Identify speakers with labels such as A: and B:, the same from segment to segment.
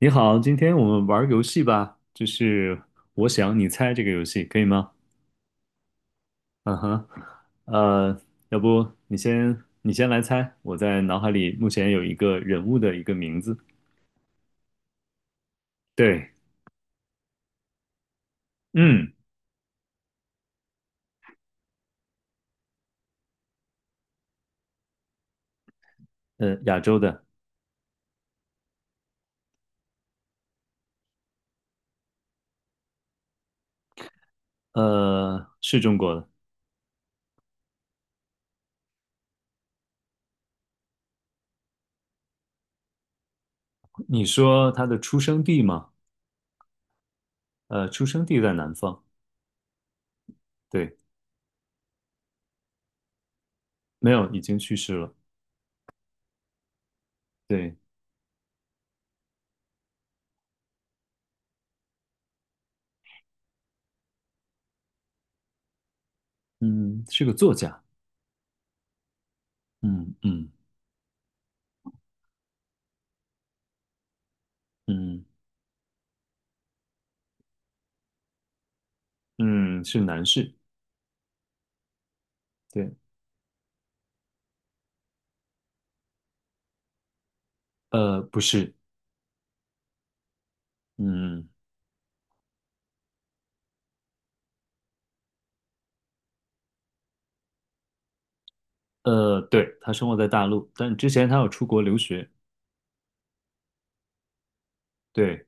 A: 你好，今天我们玩儿游戏吧，就是我想你猜这个游戏，可以吗？嗯哼，呃，要不你先来猜，我在脑海里目前有一个人物的一个名字，对，嗯，亚洲的，是中国的。你说他的出生地吗？出生地在南方，对，没有，已经去世了，对，嗯，是个作家，嗯嗯嗯嗯，是男士，对，不是，嗯。对，他生活在大陆，但之前他有出国留学。对，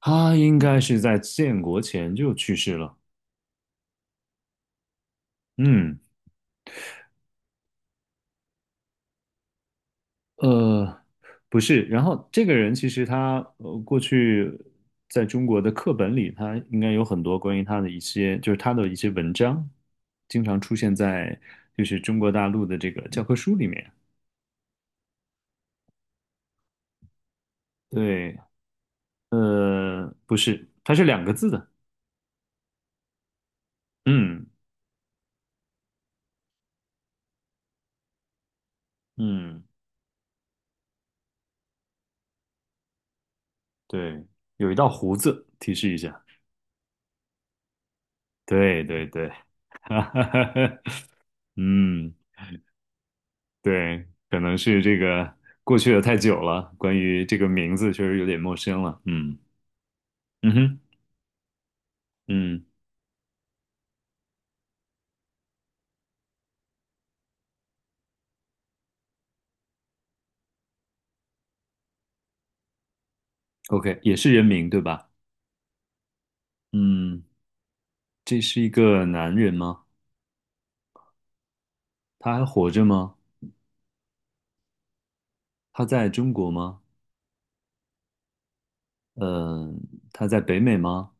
A: 他应该是在建国前就去世了。嗯，呃，不是。然后这个人其实他过去在中国的课本里，他应该有很多关于他的一些，就是他的一些文章，经常出现在就是中国大陆的这个教科书里面。对，不是，它是两个字的。嗯嗯，对，有一道胡子，提示一下。对对对，哈，哈哈哈，嗯，对，可能是这个过去的太久了，关于这个名字确实有点陌生了。嗯嗯哼，嗯，OK，也是人名对吧？嗯，这是一个男人吗？他还活着吗？他在中国吗？嗯，他在北美吗？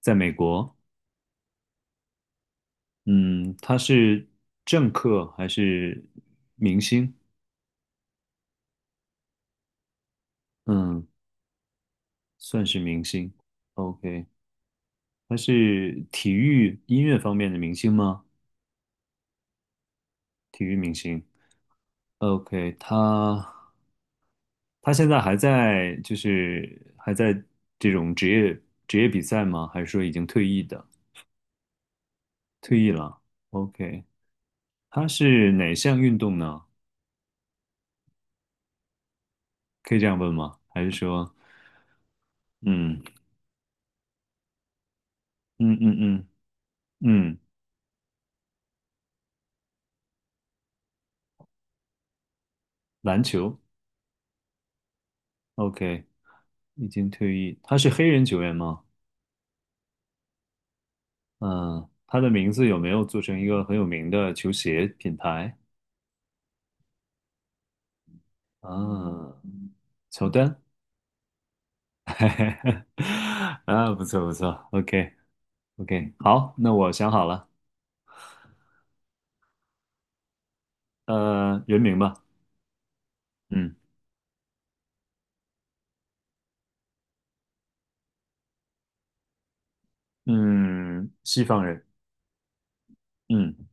A: 在美国？嗯，他是政客还是明星？嗯，算是明星。OK，他是体育音乐方面的明星吗？体育明星。OK，他现在还在，就是还在这种职业比赛吗？还是说已经退役的？退役了。OK，他是哪项运动呢？可以这样问吗？还是说，嗯嗯嗯嗯嗯，篮球？OK，已经退役。他是黑人球员吗？嗯，他的名字有没有做成一个很有名的球鞋品牌？啊，乔丹。啊，不错不错，OK OK，好，那我想好了，人名吧，嗯嗯，西方人，嗯，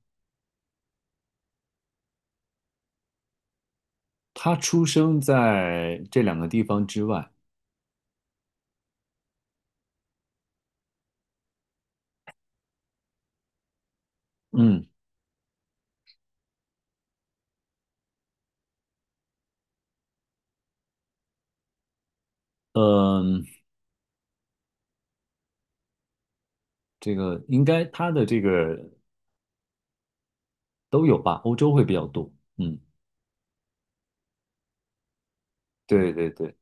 A: 他出生在这两个地方之外，嗯嗯，这个应该他的这个都有吧，欧洲会比较多，嗯，对对对，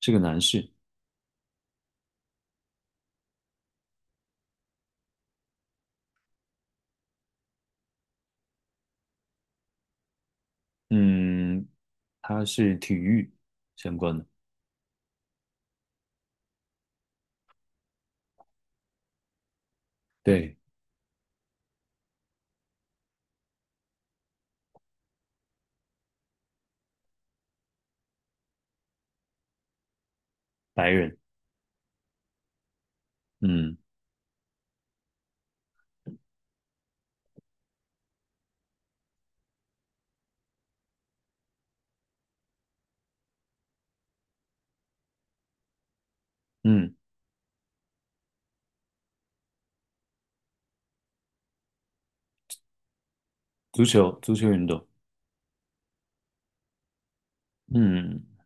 A: 是个男士，嗯，他是体育相关的，对，白人，嗯嗯，足球运动，嗯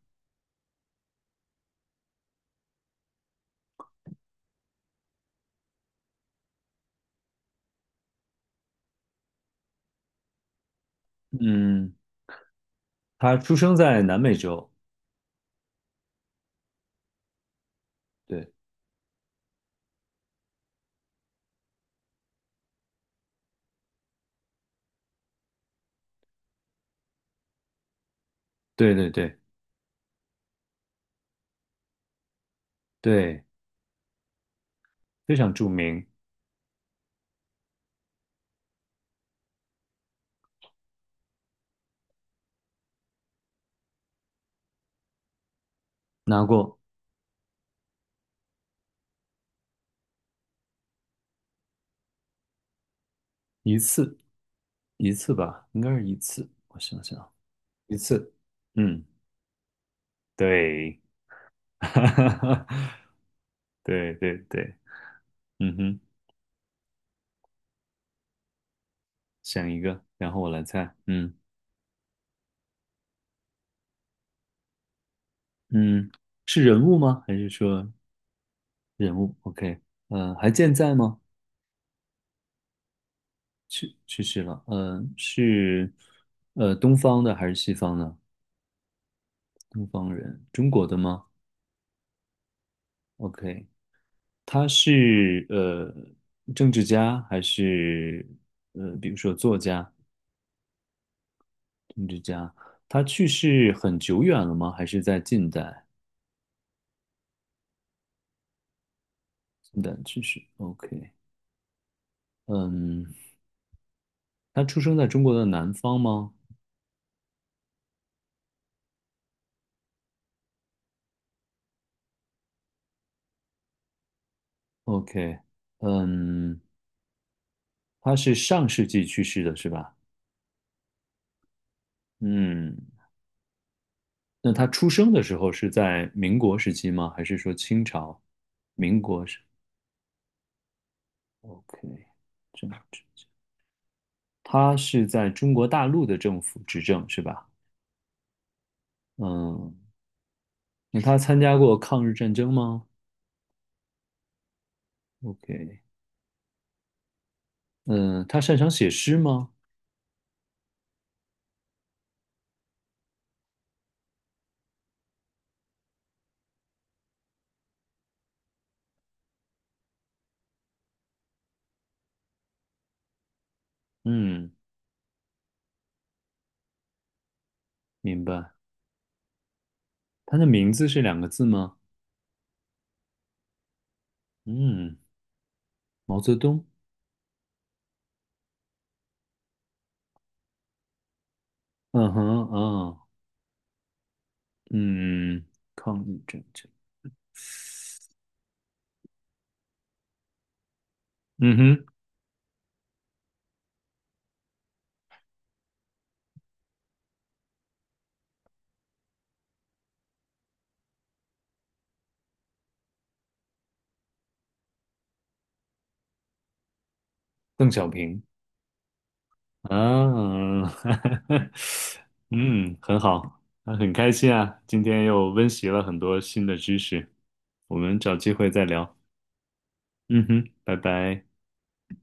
A: 嗯。他出生在南美洲，对对对对对，非常著名，拿过一次一次吧，应该是一次，我想想，一次，嗯，对，哈哈哈对对对，嗯哼，想一个，然后我来猜，嗯嗯，是人物吗？还是说人物？OK，还健在吗？去世了，是东方的还是西方的？东方人，中国的吗？OK，他是政治家还是比如说作家、政治家？他去世很久远了吗？还是在近代？近代去世，OK。嗯，他出生在中国的南方吗？OK。嗯，他是上世纪去世的是吧？嗯，那他出生的时候是在民国时期吗？还是说清朝？民国是 OK，政治，他是在中国大陆的政府执政，是吧？嗯，那他参加过抗日战争吗？OK，嗯，他擅长写诗吗？嗯，明白。他的名字是两个字吗？嗯，毛泽东。嗯哼，啊，嗯，抗日战争。嗯哼，邓小平。啊，哈哈嗯，很好，啊很开心啊，今天又温习了很多新的知识。我们找机会再聊。嗯哼，拜拜。